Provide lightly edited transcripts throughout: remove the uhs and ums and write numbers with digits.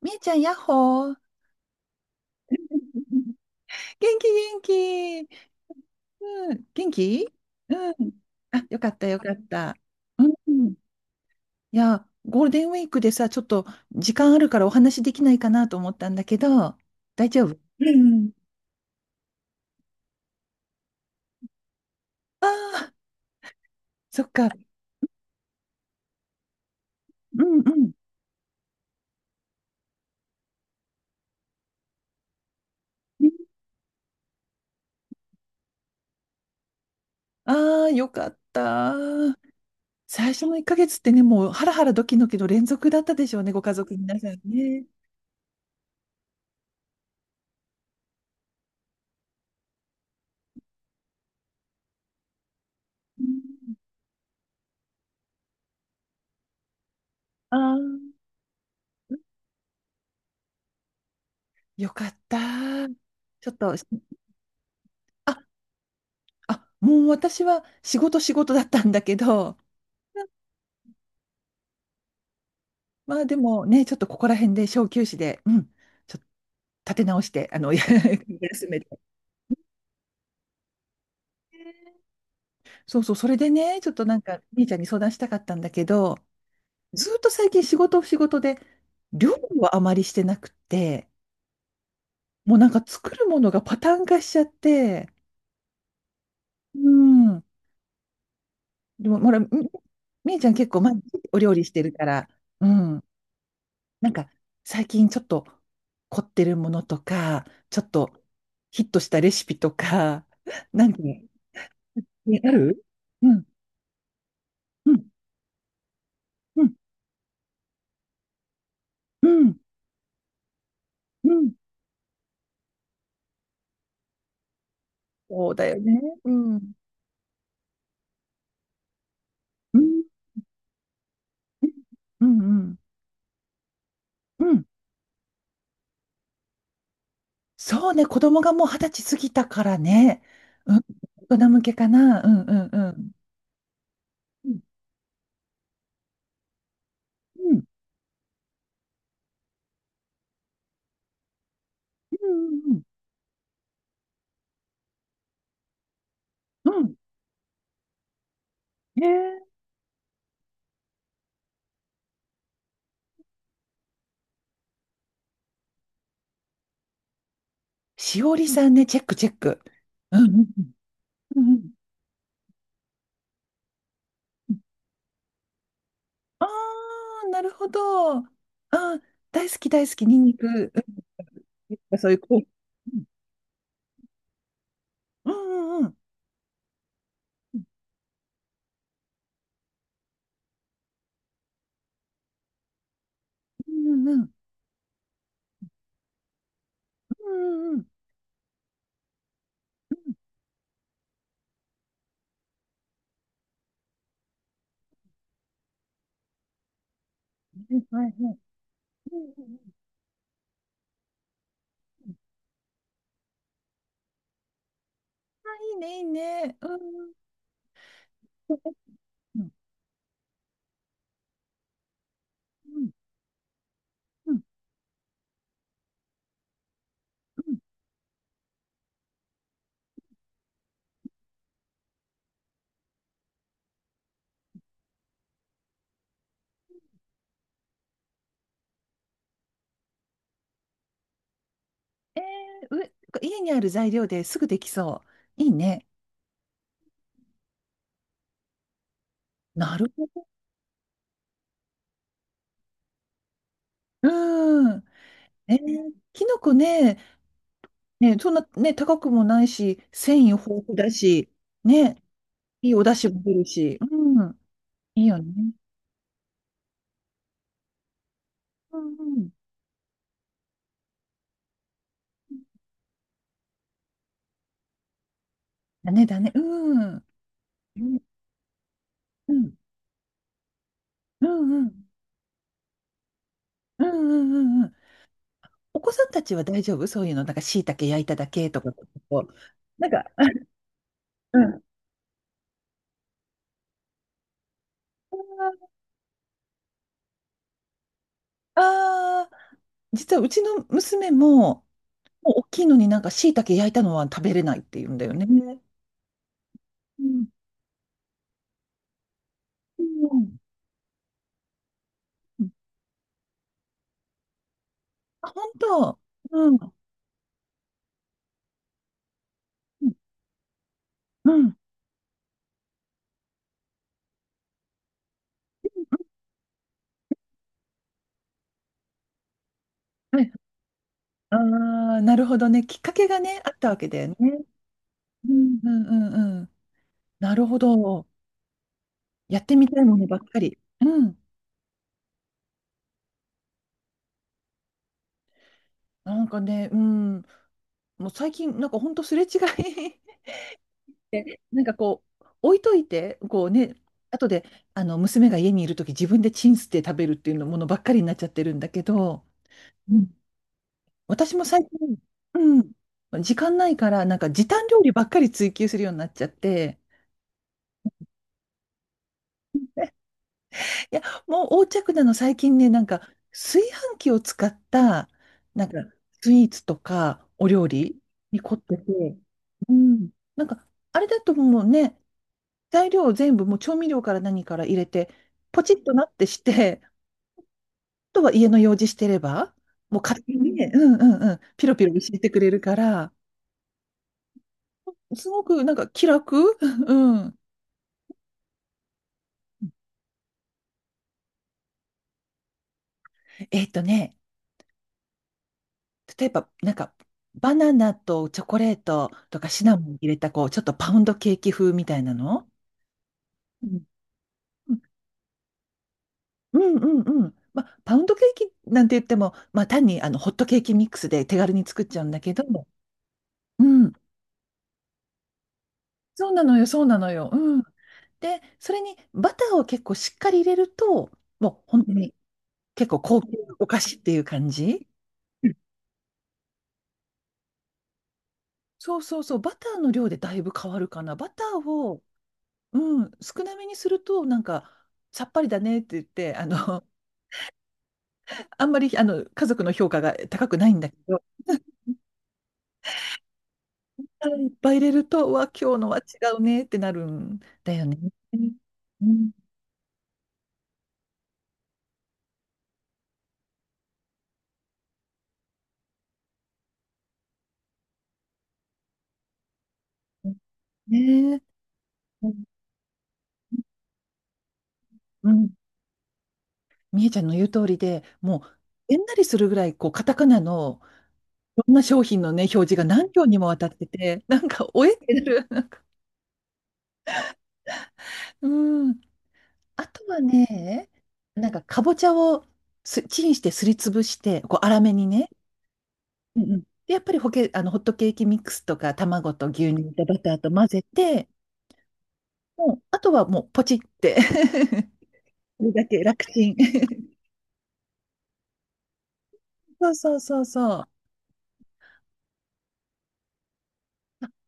みえちゃん、やっほー。元気、元気。うん、元気うん。あ、よかった、よかった。うん。いや、ゴールデンウィークでさ、ちょっと時間あるからお話できないかなと思ったんだけど、大丈夫うん。ああ、そっか。うんうん。ああ、よかった。最初の1ヶ月ってね、もうハラハラドキドキの連続だったでしょうね、ご家族皆さんね。うん。ああ、よかった。ちょっと、ああもう私は仕事仕事だったんだけど、まあでもね、ちょっとここら辺で小休止で、うん、ちょっと立て直して、休めて。そうそう、それでね、ちょっとなんか、兄ちゃんに相談したかったんだけど、ずっと最近仕事仕事で、料理はあまりしてなくて、もうなんか作るものがパターン化しちゃって、うん。でも、ほら、みーちゃん結構毎日お料理してるから、うん。なんか最近ちょっと凝ってるものとか、ちょっとヒットしたレシピとか、なんか、ね、ある？うん、うん、うん、うん、うん。そうだよね。うん、うん、うん、うん、うん。そうね、子供がもう二十歳過ぎたからね。うん、大人向けかな。うん、うん、うん。うん、うん、うん、うん。うんね、しおりさんね、チェック、チェック。うん、うん、うん。うんうん。ああ、なるほど。ああ、大好き大好き、ニンニク。うん、そういう、こう。うんうんうん。うんうんうん。うんうんうん。はいはいはい。うんうんうん。あ、いいね、いいね。うんうんうんうんうん。えー、う、家にある材料ですぐできそう。いいね。なるほど。うん。えー、きのこね、ね、そんなね、高くもないし、繊維豊富だし、ね、いいお出汁も出るし、うん、いいよね。うんうん。だねだね。うん。うんうんうんうんうんうんうんうん。お子さんたちは大丈夫？そういうの、なんか椎茸焼いただけとか、こうなんか、うん。ああー、実はうちの娘も、もう大きいのになんか椎茸焼いたのは食べれないって言うんだよね。うんうんうん。あ、本当。うん。うんうん。はい。ああ、なるほどね。きっかけがね、あったわけだよね。うんうんうんうん。なるほど。やってみたいものばっかり。うん。なんかね、うん。もう最近、なんかほんとすれ違い。 で、なんかこう、置いといて、こうね、後で、娘が家にいるとき、自分でチンして食べるっていうのものばっかりになっちゃってるんだけど、うん、私も最近、うん、時間ないから、なんか時短料理ばっかり追求するようになっちゃって、いや、もう横着なの、最近ね、なんか、炊飯器を使った、なんか、スイーツとか、お料理に凝ってて、うん。なんか、あれだともうね、材料を全部、もう調味料から何から入れて、ポチッとなってして、あとは家の用事してれば、もう勝手にね、うんうんうん、ピロピロ教えてくれるから、すごくなんか気楽。 うん。えっとね、例えば、なんか、バナナとチョコレートとかシナモン入れた、こう、ちょっとパウンドケーキ風みたいなの。うん。うんうんうん。まあ、パウンドケーキなんて言っても、まあ、単にホットケーキミックスで手軽に作っちゃうんだけど、うん、そうなのよ、そうなのよ。うん。で、それにバターを結構しっかり入れると、もう本当に結構高級お菓子っていう感じ。うん、そうそうそう、バターの量でだいぶ変わるかな。バターをうん、少なめにすると、なんか、さっぱりだねって言って、あんまり、家族の評価が高くないんだけど、いっぱい入れると、うわ、今日のは違うねってなるんだよね。うん。ねえ。うん。みえちゃんの言う通りで、もう、えんなりするぐらい、こう、カタカナの、いろんな商品のね、表示が何行にもわたってて、なんか、おえってなる。なんか、うん。あとはね、なんかかぼちゃをチンしてすりつぶして、こう粗めにね。うんうん。で、やっぱりあのホットケーキミックスとか卵と牛乳とバターと混ぜて、もうあとはもうポチって。 それだけ楽ちん。 そうそうそうそう。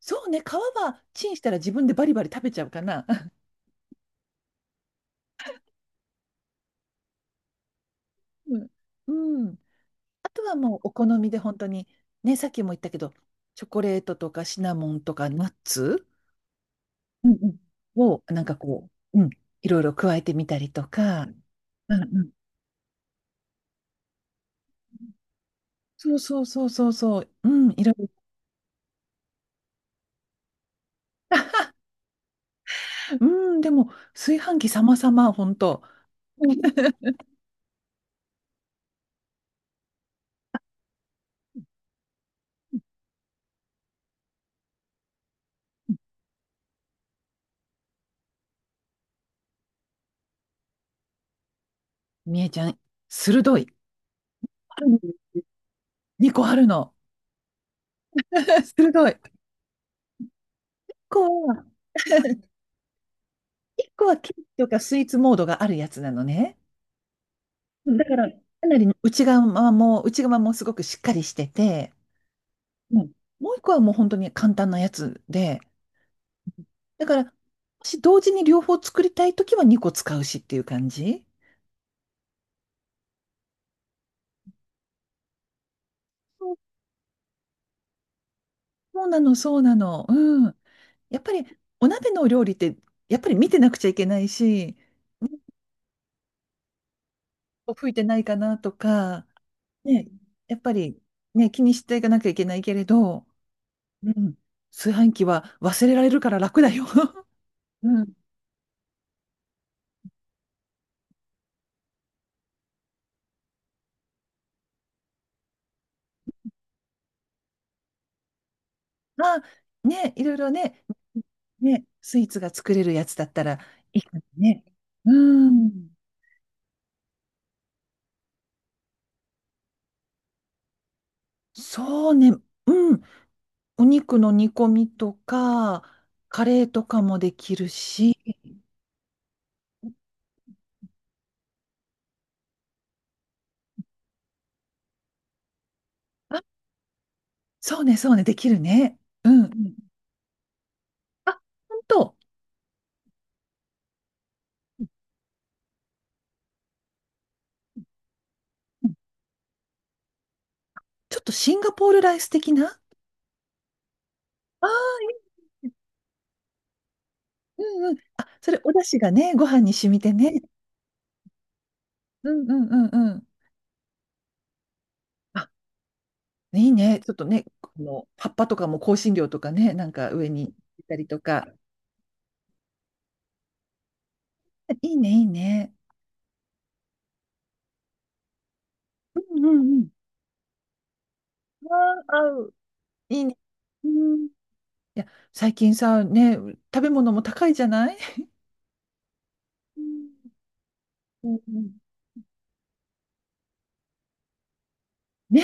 そうね、皮はチンしたら自分でバリバリ食べちゃうかな。うん。うん、あとはもうお好みで本当に、ね、さっきも言ったけど、チョコレートとかシナモンとかナッツ、うんうん、を、なんかこう、うん、いろいろ加えてみたりとか、うんうん。そうそうそうそうそう、うん、いろいろ、うん、でも、炊飯器様々、ほん、みえちゃん、鋭い。2個あるの。鋭い。1個は、1個はケーキとかスイーツモードがあるやつなのね。だから、かなり内側も、内側もすごくしっかりしてて、うん、もう1個はもう本当に簡単なやつで、だから、もし同時に両方作りたいときは2個使うしっていう感じ。そう、そうなの、そうなの。うん。やっぱりお鍋のお料理って、やっぱり見てなくちゃいけないし、吹いてないかなとか、ね、やっぱり、ね、気にしていかなきゃいけないけれど、うん、炊飯器は忘れられるから楽だよ。うん。まあ、ね、いろいろね、ね、スイーツが作れるやつだったらいいかもね。うん。そうね。うん。お肉の煮込みとか、カレーとかもできるし、あ、そうね、そうね、できるね。うん。うん、あ、ほんと、うん、ちょっとシンガポールライス的な。あー、うんうん。あ、それお出汁がね、ご飯に染みてね。うんうんうんうん。あ、いいね。ちょっとね、この葉っぱとかも香辛料とかね、なんか上にいたりとか。いいね、いいね。うんうんうん。ああ、合う。いいね。うん。いや、最近さ、ね、食べ物も高いじゃない？うんうん。ね、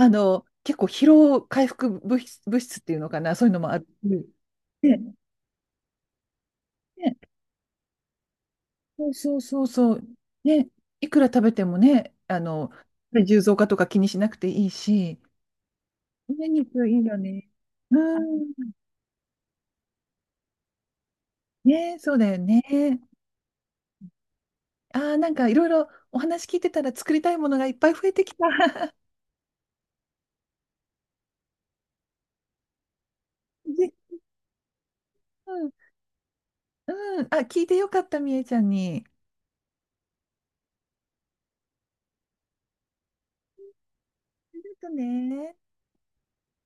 結構疲労回復物質、物質っていうのかな、そういうのもあって、ね、ね、そうそうそうそう、ね、いくら食べてもね、重増化とか気にしなくていいし、胸肉いいよね。うん、ね、そうだよね。ああ、なんかいろいろお話聞いてたら作りたいものがいっぱい増えてきた。ね、うん、うん、あ、聞いてよかった、みえちゃんに。ありがとうね。